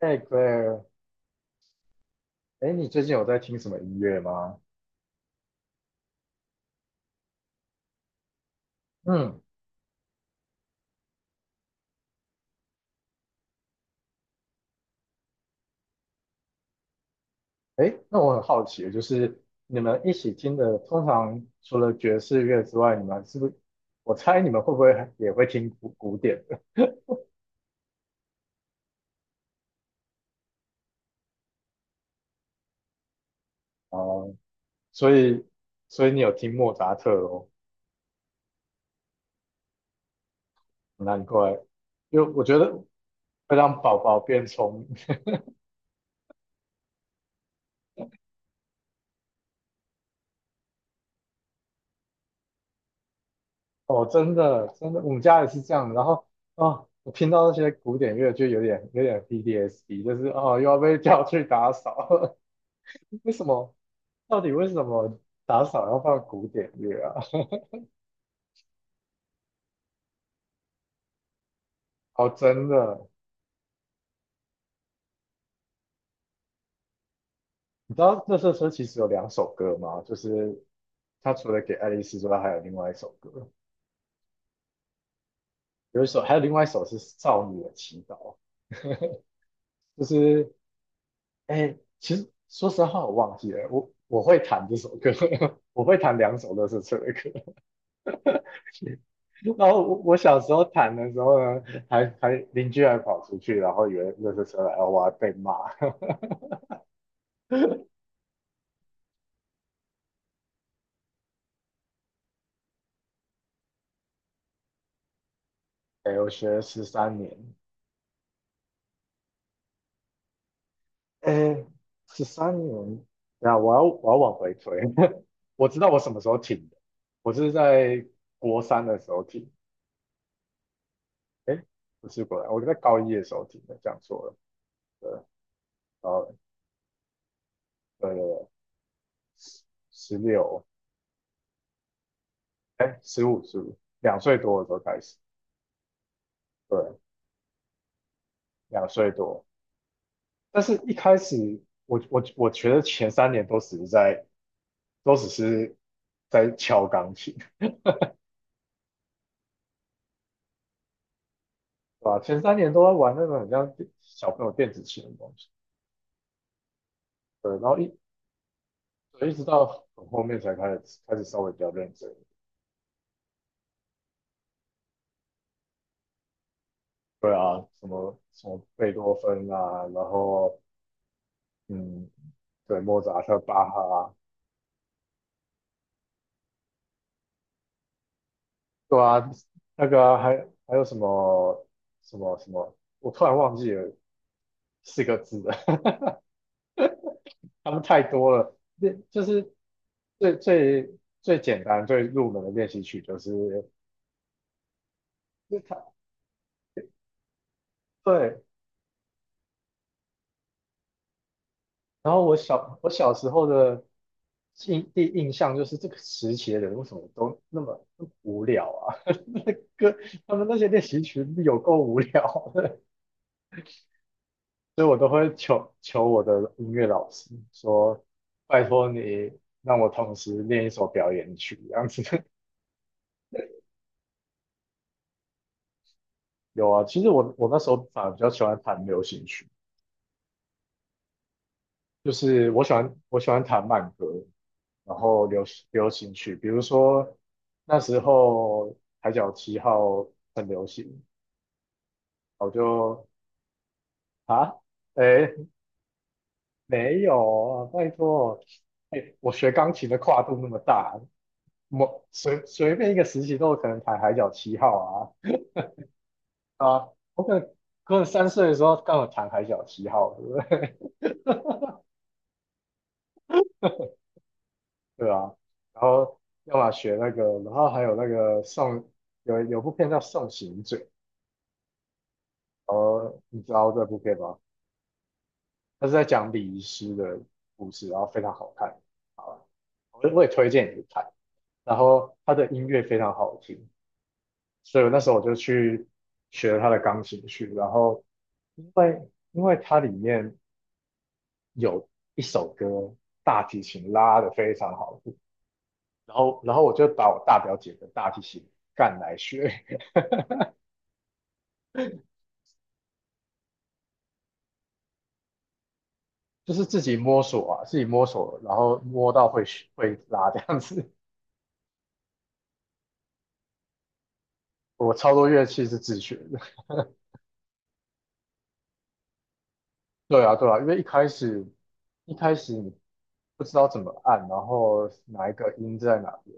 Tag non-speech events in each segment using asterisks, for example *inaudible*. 哎，Claire，哎，你最近有在听什么音乐吗？嗯，哎，那我很好奇，就是你们一起听的，通常除了爵士乐之外，你们是不是？我猜你们会不会还也会听古典的？哦，所以，所以你有听莫扎特哦，难怪，因为我觉得会让宝宝变聪明。*laughs* 哦，真的，真的，我们家也是这样的然后，哦，我听到那些古典乐就有点 PTSD，就是哦，又要被叫去打扫，*laughs* 为什么？到底为什么打扫要放古典乐啊？*laughs* 哦，真的，你知道《乐色车》其实有两首歌吗？就是他除了给爱丽丝之外，还有另外一首歌，有一首，还有另外一首是《少女的祈祷》。就是哎、其实说实话，我忘记了，我会弹这首歌，*laughs* 我会弹两首《乐色车》的歌。*laughs* 然后我小时候弹的时候呢，还邻居还跑出去，然后以为《乐色车》来然后我还被骂。*laughs* 哎、我学了十三年。哎，十三年，对啊，我要往回推，*laughs* 我知道我什么时候停的，我是在国三的时候停，哎，不是国三，我在高一的时候停的，讲错了，对，然后对对对，十六，哎，十五十五，两岁多的时候开始，对，两岁多，但是一开始我觉得前三年都只是在都只是敲钢琴，对吧？前三年都在玩那种很像小朋友电子琴的东西。对，然后一对，一直到很后面才开始稍微比较认真。对啊，什么什么贝多芬啊，然后嗯，对，莫扎特、巴哈啊，对啊，那个啊还还有什么，我突然忘记了四个字了，*laughs* 他们太多了。练就是最最最简单、最入门的练习曲，就是就他对。然后我小时候的第一印象就是这个时期的人为什么都那么无聊啊？*laughs* 那个歌他们那些练习曲有够无聊的，所以我都会求求我的音乐老师说，拜托你让我同时练一首表演曲这样子。*laughs* 有啊，其实我那时候反而比较喜欢弹流行曲，就是我喜欢弹慢歌，然后流行曲，比如说那时候《海角七号》很流行。我就啊，哎，没有啊，拜托，哎，我学钢琴的跨度那么大，我随便一个时期都有可能弹海角七号啊啊，我可能可能三岁的时候刚好弹海角七号，*laughs* 对不对？*laughs* 对啊，然后要么学那个，然后还有那个送有部片叫《送行者》，呃，你知道这部片吗？它是在讲礼仪师的故事，然后非常好看，好吧，我也推荐你去看，然后它的音乐非常好听。所以我那时候我就去学了他的钢琴曲，然后因为因为它里面有一首歌大提琴拉得非常好，然后我就把我大表姐的大提琴干来学，*laughs* 就是自己摸索啊，自己摸索，然后摸到会学会拉这样子。我超多乐器是自学的，*laughs* 对啊对啊，因为一开始你不知道怎么按，然后哪一个音在哪边。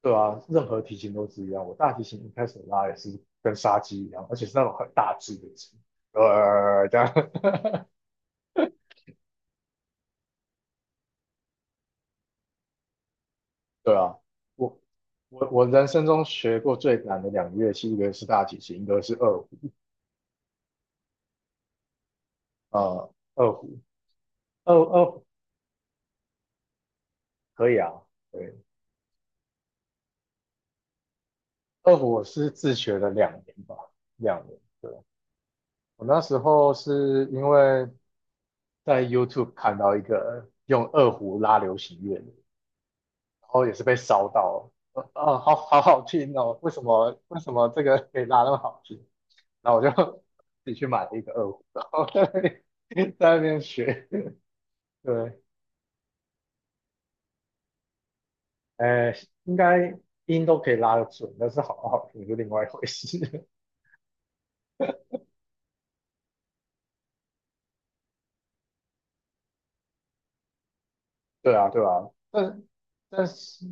对啊，任何提琴都是一样。我大提琴一开始拉也是跟杀鸡一样，而且是那种很大只的鸡，呃，这样，*laughs* 对啊。我我人生中学过最难的两个乐器，一个是大提琴，一个是二胡。呃，二胡，二胡可以啊，对，二胡我是自学了两年吧，两年。对，我那时候是因为在 YouTube 看到一个用二胡拉流行乐的，然后也是被烧到了，啊，哦，好好好听哦，为什么这个可以拉那么好听？然后我就 *laughs* 自己去买了一个二胡，然后 *laughs* 在那边 *laughs* 在那边学，对，呃，应该音都可以拉得准，但是好不好听是另外一回事。*laughs* 对啊，对啊，但是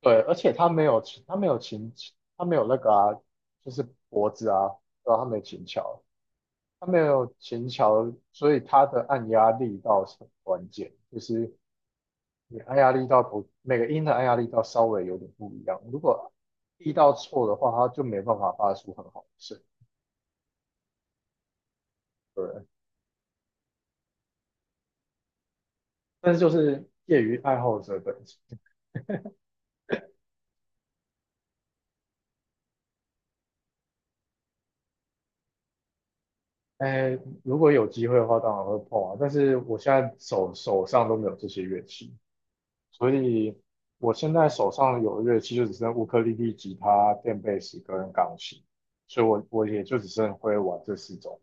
对，而且他没有琴，他没有琴，他没有那个啊，就是脖子啊，对啊，他没有琴桥。他没有琴桥，所以他的按压力道是很关键，就是你按压力道不，每个音的按压力道稍微有点不一样。如果力道错的话，它就没办法发出很好的声音对，但是就是业余爱好者本身。哎，如果有机会的话，当然会碰啊。但是我现在手上都没有这些乐器，所以我现在手上有的乐器就只剩乌克丽丽、吉他、电贝斯跟钢琴，所以我也就只剩会玩这四种。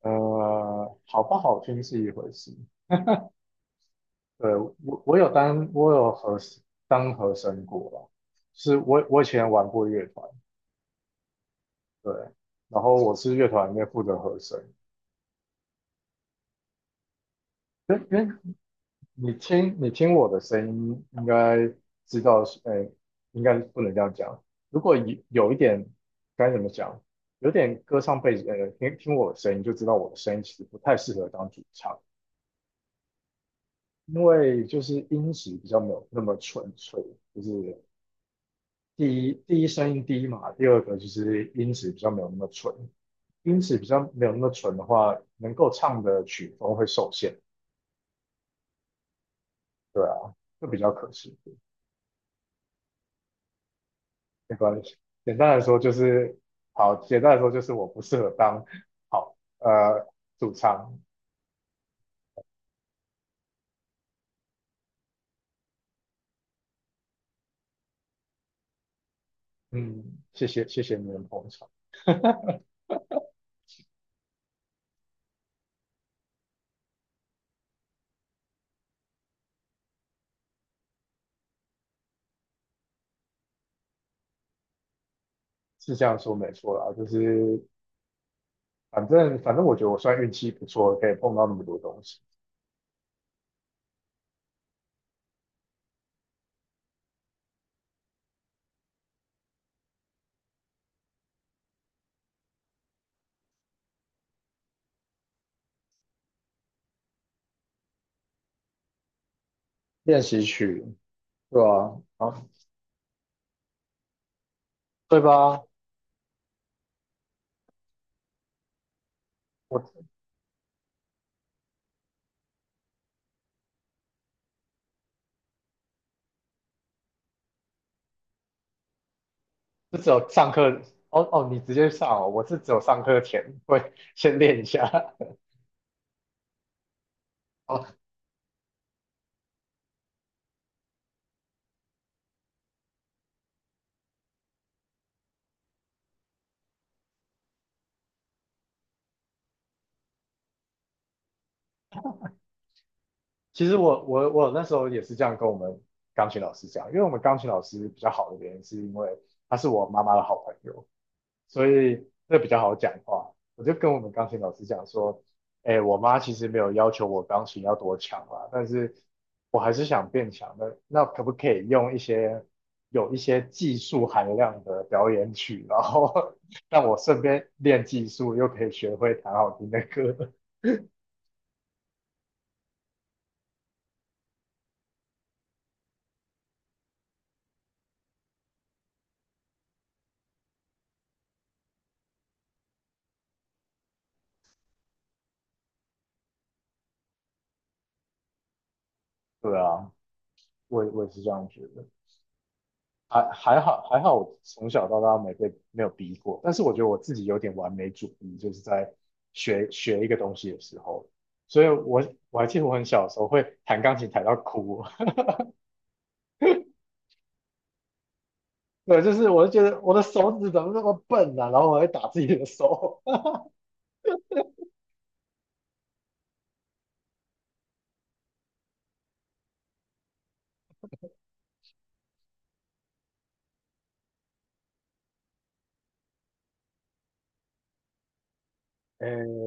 呃，好不好听是一回事，对，我当和声过啦，就是我以前玩过乐团，对，然后我是乐团里面负责和声。因为你听我的声音，应该知道是，哎，应该不能这样讲。如果有一点该怎么讲，有点歌唱背景，呃，听听我的声音就知道我的声音其实不太适合当主唱，因为就是音质比较没有那么纯粹，就是第一声音低嘛，第二个就是音质比较没有那么纯，音质比较没有那么纯的话，能够唱的曲风会受限，对啊，就比较可惜，没关系。简单来说就是，好，简单来说就是我不适合当好呃主唱，嗯，谢谢你们捧场，是这样说没错啦，就是反正我觉得我算运气不错，可以碰到那么多东西，练习曲，对啊，好，对吧？我是只有上课哦哦，你直接上哦，我是只有上课前会先练一下 *laughs* 哦。其实我那时候也是这样跟我们钢琴老师讲，因为我们钢琴老师比较好的原因是因为他是我妈妈的好朋友，所以这比较好讲话。我就跟我们钢琴老师讲说，哎，我妈其实没有要求我钢琴要多强啦，但是我还是想变强的。那可不可以用一些有一些技术含量的表演曲，然后 *laughs* 让我顺便练技术，又可以学会弹好听的歌？*laughs* 对啊，我也是这样觉得。还好，我从小到大没有逼过，但是我觉得我自己有点完美主义，就是在学一个东西的时候，所以我还记得我很小的时候会弹钢琴弹到哭，*laughs* 对，就是我就觉得我的手指怎么那么笨啊，然后我会打自己的手，*laughs* 呃，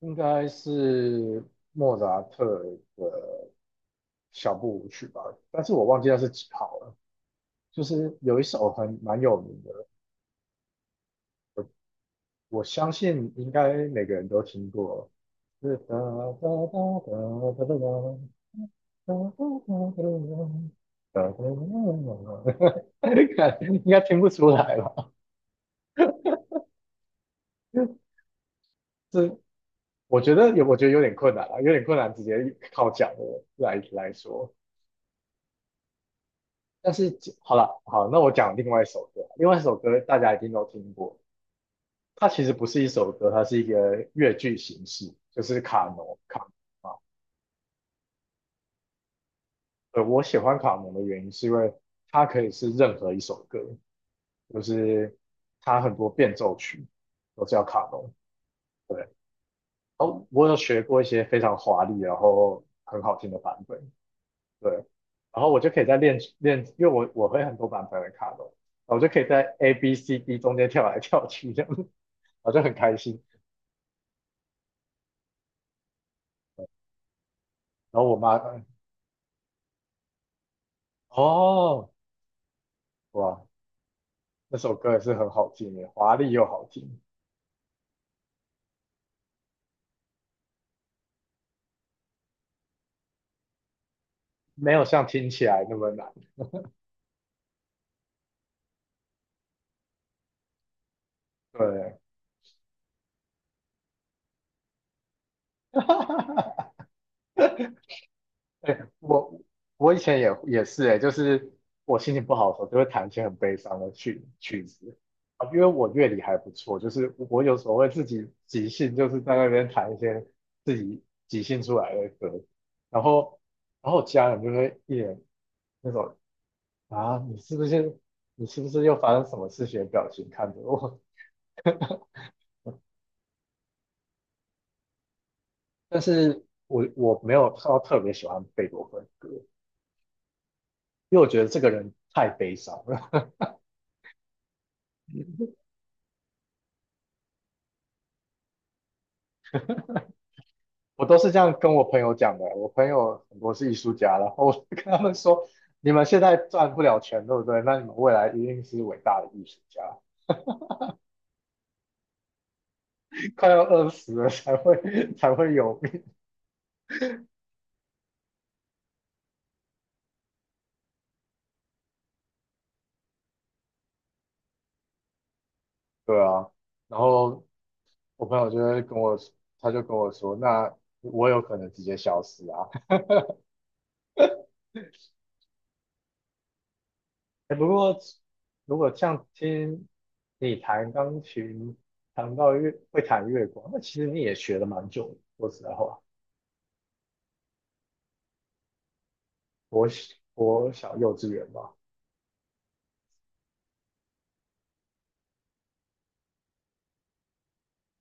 应该是莫扎特的小步舞曲吧，但是我忘记那是几号了，就是有一首很蛮有名的，我相信应该每个人都听过。*laughs* 哒哒哒哒哒哒哒哒哒哒哒，应该听不出来吧？是，我觉得有，我觉得有点困难啊，有点困难，直接靠讲的来说。但是好了，好，那我讲另外一首歌，另外一首歌大家一定都听过，它其实不是一首歌，它是一个越剧形式，就是卡农啊。我喜欢卡农的原因是因为它可以是任何一首歌，就是它很多变奏曲都叫卡农。对，哦，我有学过一些非常华丽，然后很好听的版本。对，然后我就可以在练练，因为我会很多版本的卡农，然后我就可以在 A B C D 中间跳来跳去这样，*laughs* 我就很开心。然后我妈，哦，哇，那首歌也是很好听的，华丽又好听，没有像听起来那么难。对。*laughs* 哎，我以前也是哎，就是我心情不好的时候，就会弹一些很悲伤的曲子啊，因为我乐理还不错，就是我有时候会自己即兴，就是在那边弹一些自己即兴出来的歌，然后家人就会一脸那种啊，你是不是又发生什么事情的表情看着我，*laughs* 但是我没有特别喜欢贝多芬的歌，因为我觉得这个人太悲伤了。*laughs* 我都是这样跟我朋友讲的。我朋友很多是艺术家，然后我就跟他们说："你们现在赚不了钱，对不对？那你们未来一定是伟大的艺术家，快要饿死了才会 *laughs* 才会有命。"对啊。然后我朋友就会跟我，他就跟我说："那我有可能直接消失啊。*laughs*”哎，不过如果像听你弹钢琴，弹到月会弹月光，那其实你也学了蛮久的。说实在话，我小幼稚园吧。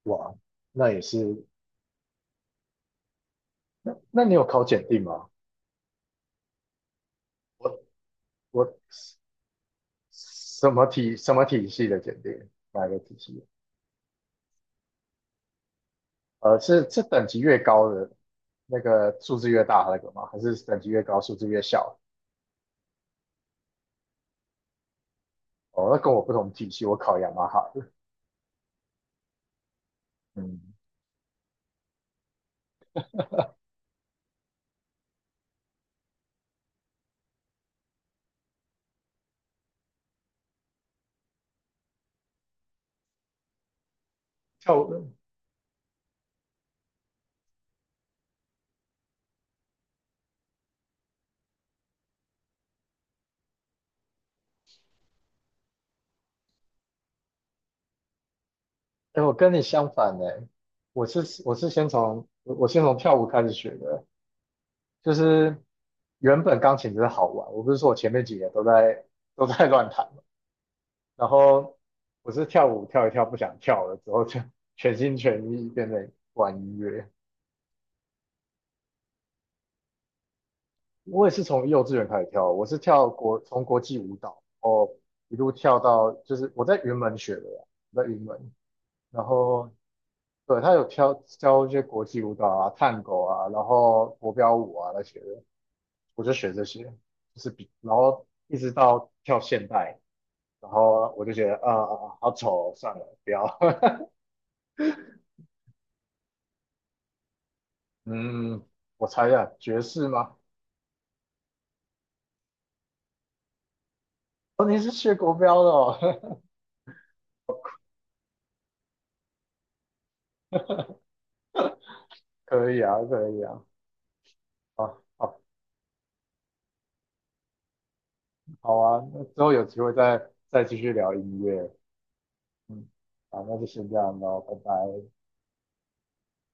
哇，那也是，那你有考检定吗？我我什么体系的检定？哪个体系？呃，是等级越高的那个数字越大那个吗？还是等级越高数字越小？哦，那跟我不同体系，我考雅马哈的嗯，跳舞，哎，我跟你相反呢，我是先从我先从跳舞开始学的，就是原本钢琴只是好玩，我不是说我前面几年都在乱弹，然后我是跳舞跳一跳不想跳了之后，就 *laughs* 全心全意变成玩音乐。我也是从幼稚园开始跳，我是跳国从国际舞蹈，哦，一路跳到就是我在云门学的啦，我在云门，然后对他有跳教一些国际舞蹈啊、探戈啊，然后国标舞啊那些的，我就学这些，就是比然后一直到跳现代，然后我就觉得啊啊啊好丑哦，算了，不要，*laughs* 嗯。我猜一下，爵士吗？哦，你是学国标的哦，*laughs* 可以啊，可以啊，好，好，好啊，那之后有机会再继续聊音乐，嗯，好，那就先这样咯，拜拜。